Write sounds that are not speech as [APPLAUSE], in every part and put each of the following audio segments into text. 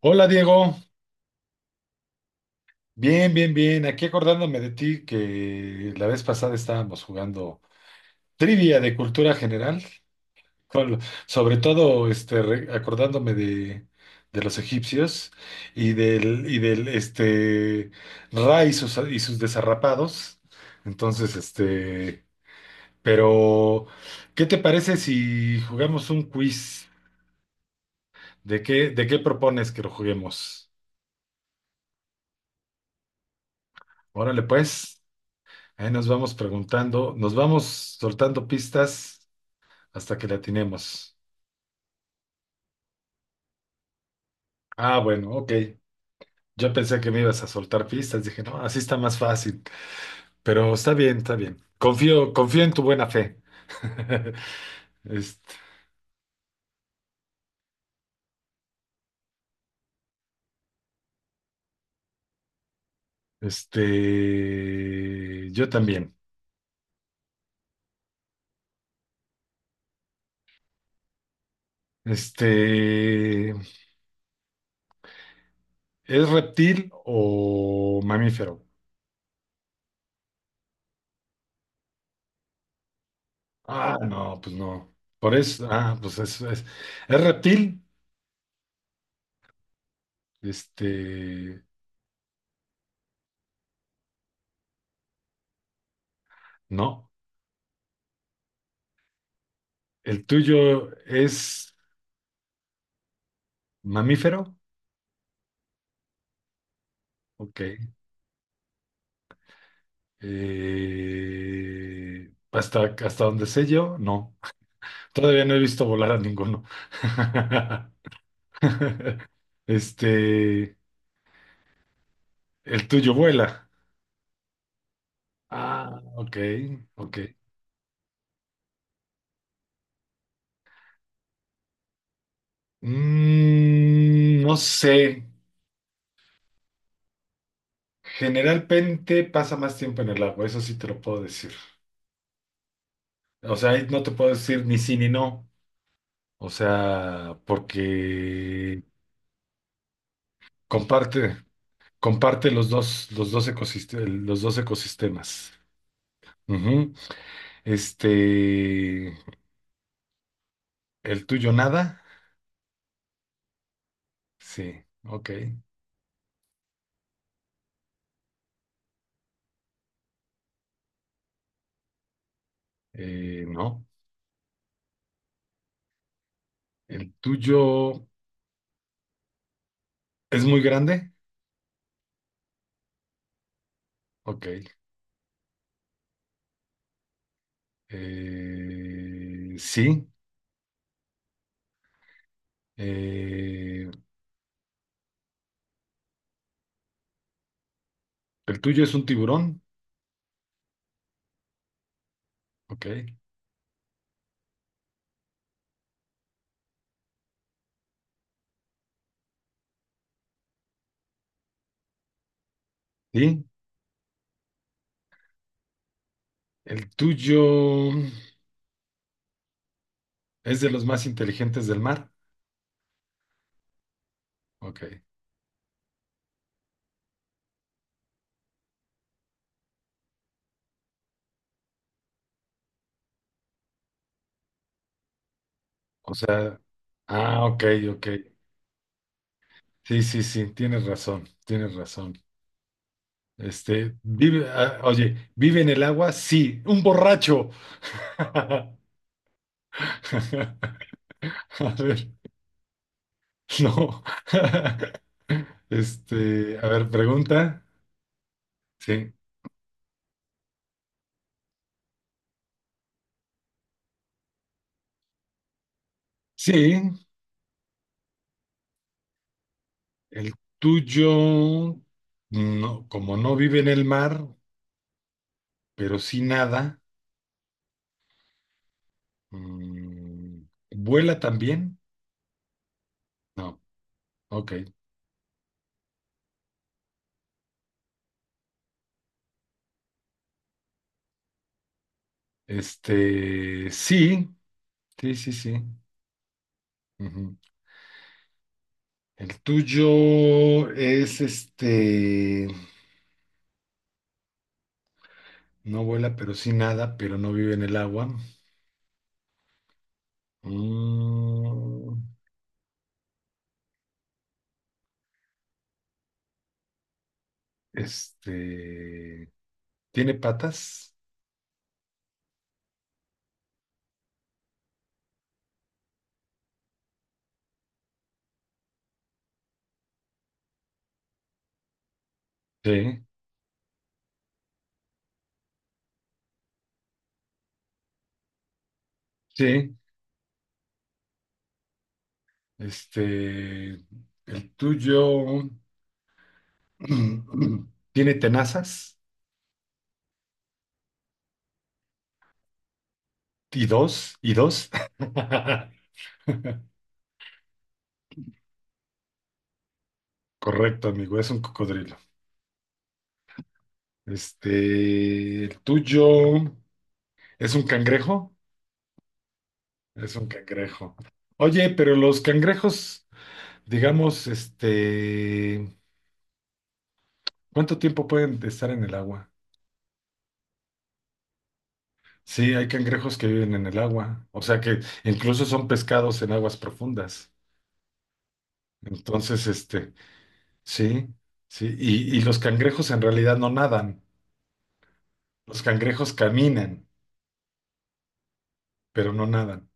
Hola Diego, bien, bien, bien. Aquí acordándome de ti que la vez pasada estábamos jugando trivia de cultura general, con- sobre todo acordándome de los egipcios y del Ra y sus desarrapados. Entonces, este, pero, ¿Qué te parece si jugamos un quiz? ¿De qué propones que lo juguemos? Órale, pues. Ahí nos vamos preguntando, nos vamos soltando pistas hasta que la atinemos. Ah, bueno, ok. Yo pensé que me ibas a soltar pistas, dije, no, así está más fácil. Pero está bien, está bien. Confío en tu buena fe. [LAUGHS] Este, yo también. Este, ¿es reptil o mamífero? Ah, no, pues no. Por eso, ah, ¿es reptil? Este, no. ¿El tuyo es mamífero? Ok. Hasta donde sé yo, no. Todavía no he visto volar a ninguno. [LAUGHS] [LAUGHS] Este, el tuyo vuela. Ah, ok, ok. Mm, no sé. Generalmente pasa más tiempo en el agua, eso sí te lo puedo decir. O sea, ahí no te puedo decir ni sí ni no. O sea, porque comparte. Comparte los dos ecosistemas, los dos ecosistemas. Ujú. Este, el tuyo nada. Sí, ok. No. El tuyo es muy grande. Ok. Sí. Eh, el tuyo es un tiburón. Ok. Sí. El tuyo es de los más inteligentes del mar. Ok. O sea, ah, ok, ok. Sí, sí, sí, tienes razón, tienes razón. Este, oye, ¿vive en el agua? Sí, un borracho. [LAUGHS] A ver, no. [LAUGHS] Este, a ver, pregunta. Sí. Sí, el tuyo, no, como no vive en el mar, pero sí nada, mm, ¿vuela también? No, ok. Este, sí, sí, sí, sí. El tuyo es este, no vuela, pero sí nada, pero no vive en el agua. Mm, este, ¿tiene patas? Sí, sí. Este, el tuyo [CLEARS THROAT] tiene tenazas y dos. [LAUGHS] Correcto, amigo, es un cocodrilo. Este, el tuyo es un cangrejo. Es un cangrejo. Oye, pero los cangrejos, digamos, este, ¿cuánto tiempo pueden estar en el agua? Sí, hay cangrejos que viven en el agua, o sea que incluso son pescados en aguas profundas. Entonces, este, sí, sí, y los cangrejos en realidad no nadan, los cangrejos caminan, pero no nadan.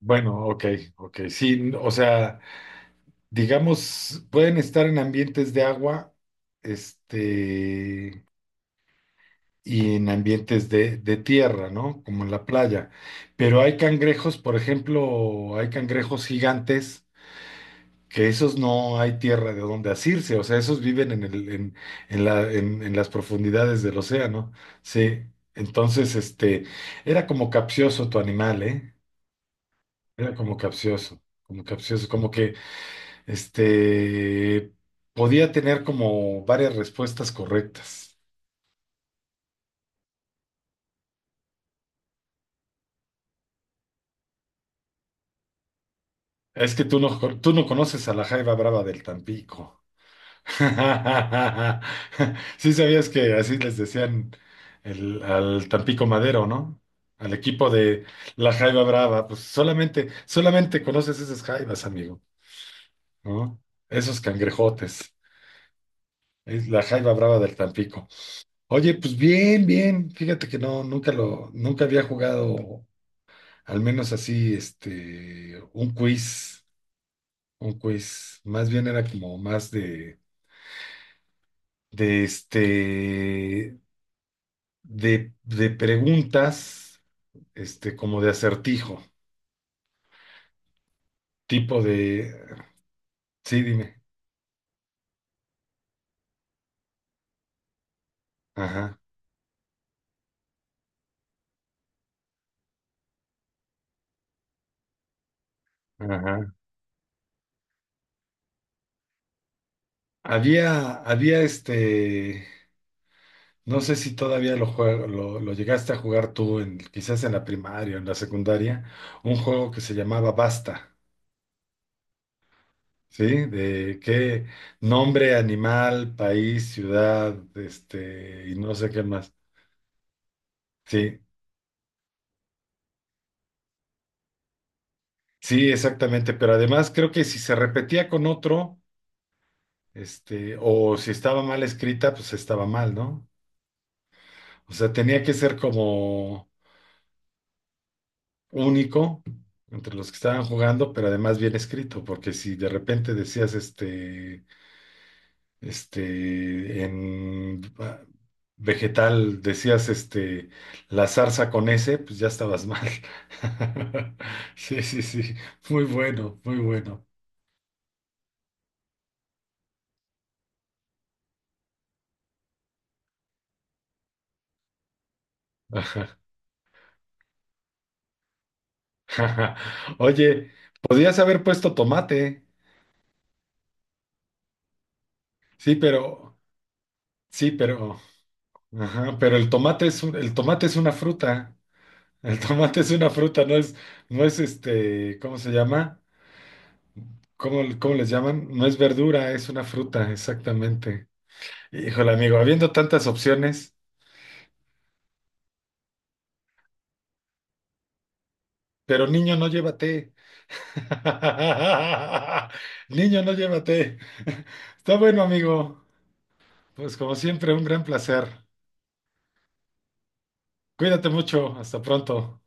Bueno, ok, ok, sí, o sea, digamos, pueden estar en ambientes de agua, este... y en ambientes de tierra, ¿no? Como en la playa. Pero hay cangrejos, por ejemplo, hay cangrejos gigantes que esos no hay tierra de donde asirse, o sea, esos viven en el, en la, en las profundidades del océano. Sí, entonces, este, era como capcioso tu animal, ¿eh? Era como capcioso, como capcioso, como que, este, podía tener como varias respuestas correctas. Es que tú no conoces a la jaiba brava del Tampico. [LAUGHS] Sí sabías que así les decían al Tampico Madero, ¿no? Al equipo de la Jaiba Brava, pues solamente, solamente conoces esas jaibas, amigo, ¿no? Esos cangrejotes, es la Jaiba Brava del Tampico. Oye, pues bien, bien, fíjate que no, nunca había jugado, al menos así, este, un quiz, más bien era como más de de este de preguntas, este, como de acertijo, tipo de, sí, dime, ajá, ajá. Había este, no sé si todavía lo llegaste a jugar tú, en, quizás en la primaria, o en la secundaria, un juego que se llamaba Basta, ¿sí? De qué nombre, animal, país, ciudad, este, y no sé qué más. Sí, sí, exactamente, pero además creo que si se repetía con otro este, o si estaba mal escrita, pues estaba mal, ¿no? O sea, tenía que ser como único entre los que estaban jugando, pero además bien escrito, porque si de repente decías este, en ah, vegetal decías este, la zarza con ese, pues ya estabas mal. [LAUGHS] Sí, sí, sí, muy bueno, muy bueno. Ajá. [LAUGHS] Oye, podías haber puesto tomate, sí, pero, sí, pero. Ajá, pero el tomate es una fruta. El tomate es una fruta, no es este, ¿cómo se llama? ¿Cómo les llaman? No es verdura, es una fruta, exactamente. Híjole, amigo, habiendo tantas opciones, pero niño, no llévate. [LAUGHS] Niño, no llévate. Está bueno, amigo. Pues como siempre, un gran placer. Cuídate mucho, hasta pronto.